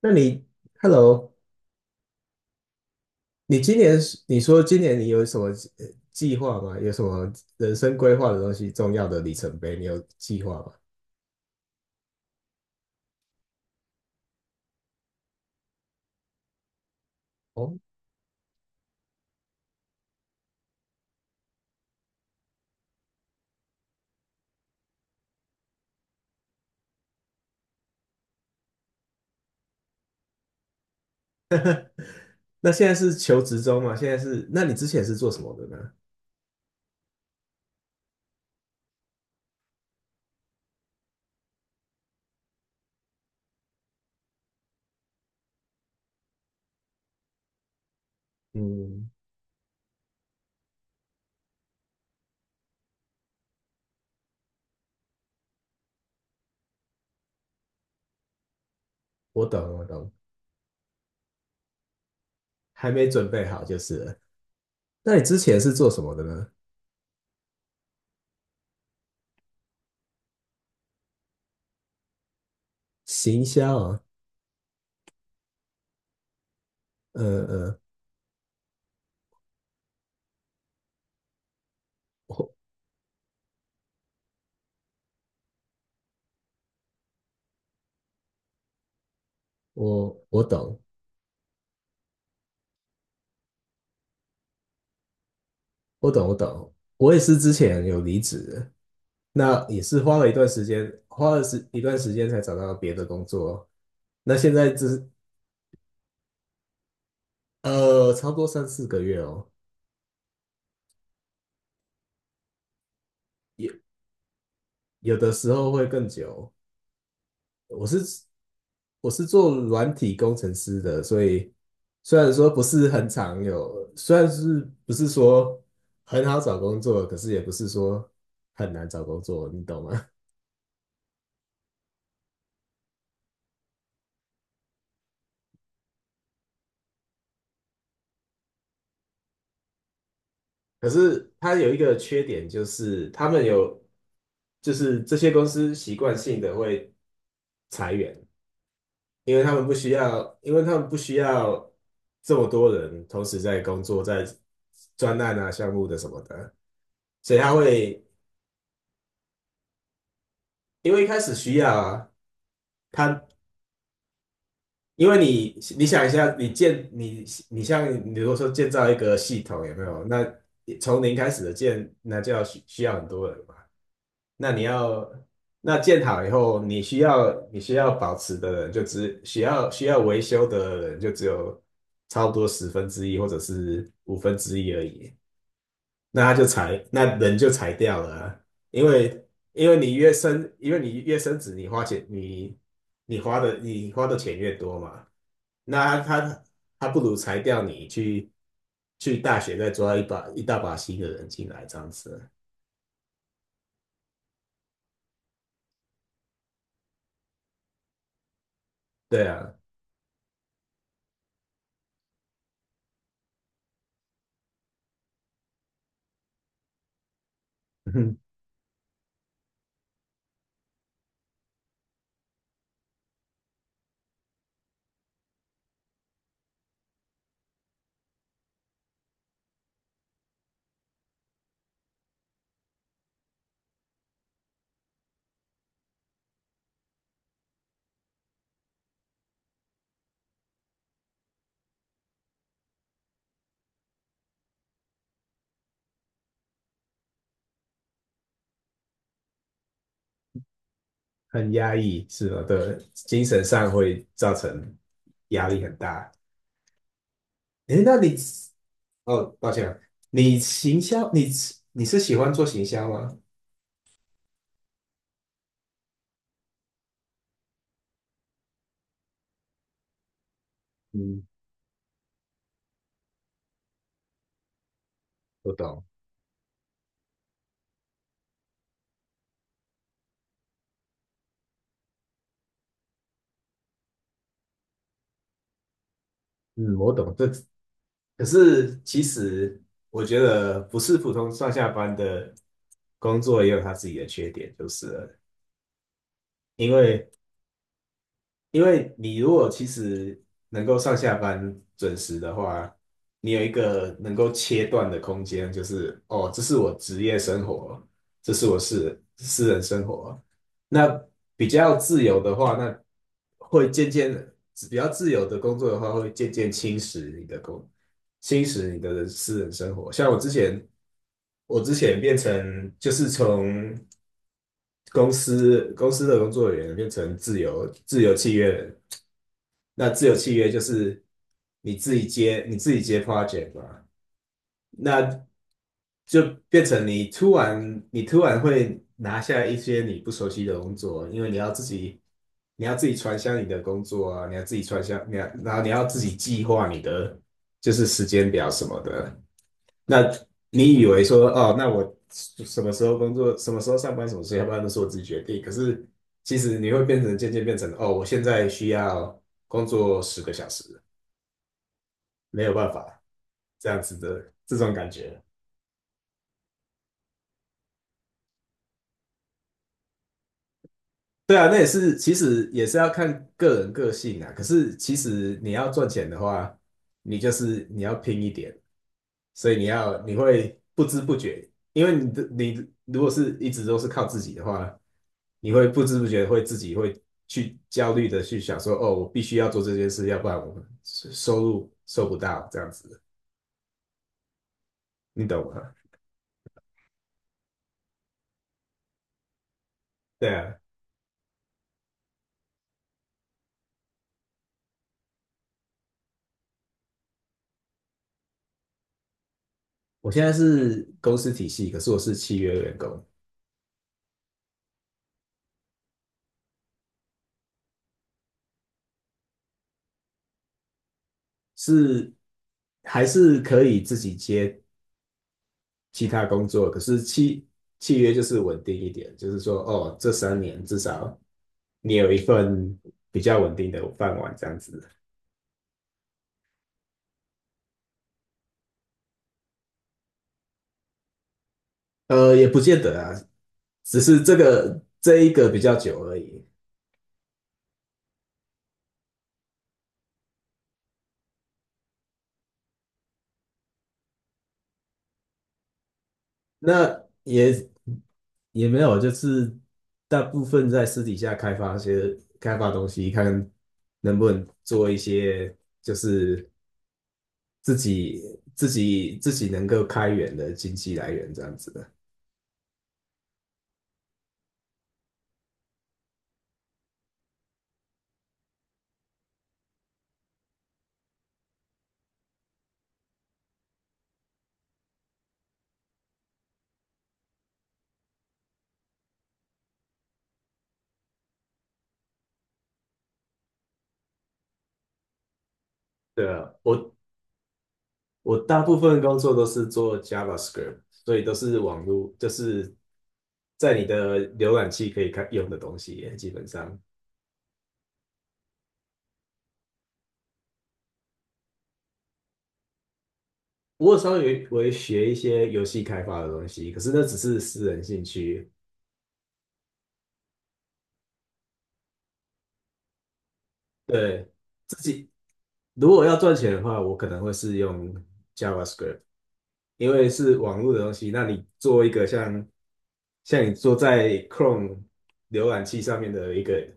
那你，Hello，你说今年你有什么计划吗？有什么人生规划的东西，重要的里程碑，你有计划吗？哦，那现在是求职中嘛？现在是，那你之前是做什么的呢？嗯，我懂，我懂，还没准备好就是了。那你之前是做什么的呢？行销啊，嗯嗯，我我懂，我懂，我懂，我也是之前有离职，那也是花了一段时间，花了时一段时间才找到别的工作哦。那现在只是呃，差不多三四个月哦，有有的时候会更久。我是我是做软体工程师的，所以虽然说不是很常有，虽然是不是说很好找工作，可是也不是说很难找工作，你懂吗？可是它有一个缺点，就是他们有，就是这些公司习惯性的会裁员。因为他们不需要这么多人同时在工作，在专案啊、项目的什么的，所以他会，因为一开始需要啊，他因为你想一下，你像你如果说建造一个系统有没有？那从零开始的建，那就要需要很多人嘛。那你要那建好以后，你需要保持的人就只需要维修的人就只有差不多十分之一或者是五分之一而已。那他就裁，那人就裁掉了啊。因为因为你越升，因为你越升子，你花钱你花的钱越多嘛。那他不如裁掉你去大学再抓一大把新的人进来这样子，对啊，嗯很压抑是吧？对，精神上会造成压力很大。诶，哦，抱歉啊，你行销，你你是喜欢做行销吗？嗯，我懂。嗯，我懂这，可是其实我觉得不是普通上下班的工作也有它自己的缺点，就是了。因为。因为你如果其实能够上下班准时的话，你有一个能够切断的空间，就是哦，这是我职业生活，这是我私人生活。那比较自由的话，那会渐渐比较自由的工作的话，会渐渐侵蚀你的私人生活。像我之前，我之前变成就是从公司的工作人员变成自由契约人。那自由契约就是你自己接 project 嘛，那就变成你突然会拿下一些你不熟悉的工作，因为你要自己。你要自己传销你的工作啊，你要自己传销，你要，然后你要自己计划你的就是时间表什么的。那你以为说哦，那我什么时候工作，什么时候上班，什么时候下班都是我自己决定。可是其实你会变成渐渐变成哦，我现在需要工作10个小时，没有办法这样子的这种感觉。对啊，那也是其实也是要看个人个性啊。可是其实你要赚钱的话，你就是你要拼一点，所以你要你会不知不觉，因为你的你如果是一直都是靠自己的话。你会不知不觉会自己会去焦虑的去想说，哦，我必须要做这件事，要不然我们收入收不到这样子，你懂吗？对啊，我现在是公司体系，可是我是契约员工，是，还是可以自己接其他工作，可是契约就是稳定一点，就是说，哦，这3年至少你有一份比较稳定的饭碗这样子。呃，也不见得啊，只是这一个比较久而已。那也没有，就是大部分在私底下开发东西，看能不能做一些就是自己自己能够开源的经济来源这样子的。对啊，我大部分工作都是做 JavaScript，所以都是网络，就是在你的浏览器可以看用的东西耶基本上。我有微学一些游戏开发的东西，可是那只是私人兴趣。对，自己如果要赚钱的话，我可能会是用 JavaScript，因为是网络的东西。那你做一个像你做在 Chrome 浏览器上面的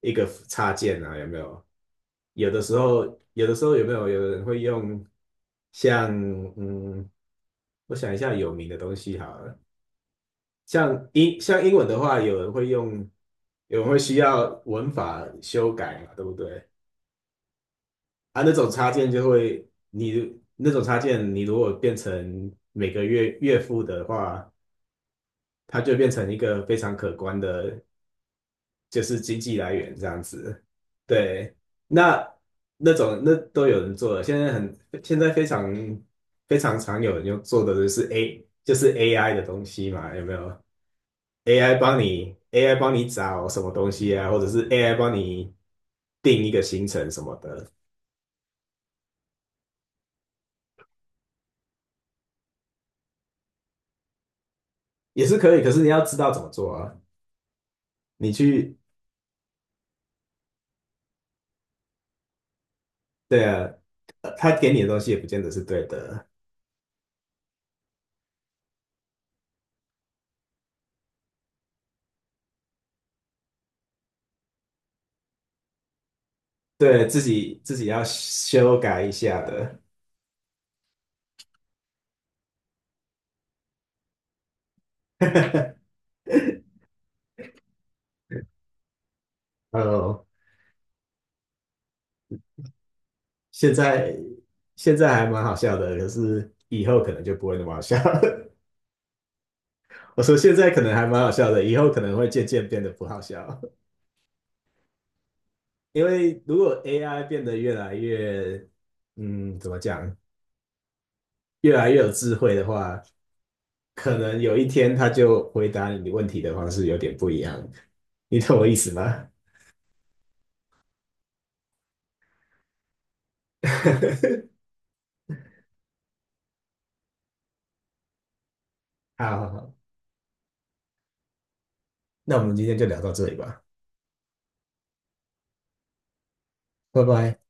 一个插件啊，有没有？有的时候，有的时候有没有有人会用像，嗯，我想一下有名的东西好了，像英文的话，有人会用，有人会需要文法修改嘛，对不对？啊，那种插件就会，你那种插件，你如果变成每个月月付的话，它就变成一个非常可观的，就是经济来源这样子。对，那那都有人做了，现在非常常有人用做的就是 AI 的东西嘛，有没有？AI 帮你找什么东西啊，或者是 AI 帮你定一个行程什么的，也是可以，可是你要知道怎么做啊。你去对啊，他给你的东西也不见得是对的，对，自己要修改一下的。呃，现在现在还蛮好笑的，可是以后可能就不会那么好笑了。我说现在可能还蛮好笑的，以后可能会渐渐变得不好笑，因为如果 AI 变得越来越，怎么讲，越来越有智慧的话，可能有一天它就回答你问题的方式有点不一样，你懂我意思吗？好好好。那我们今天就聊到这里吧，拜拜。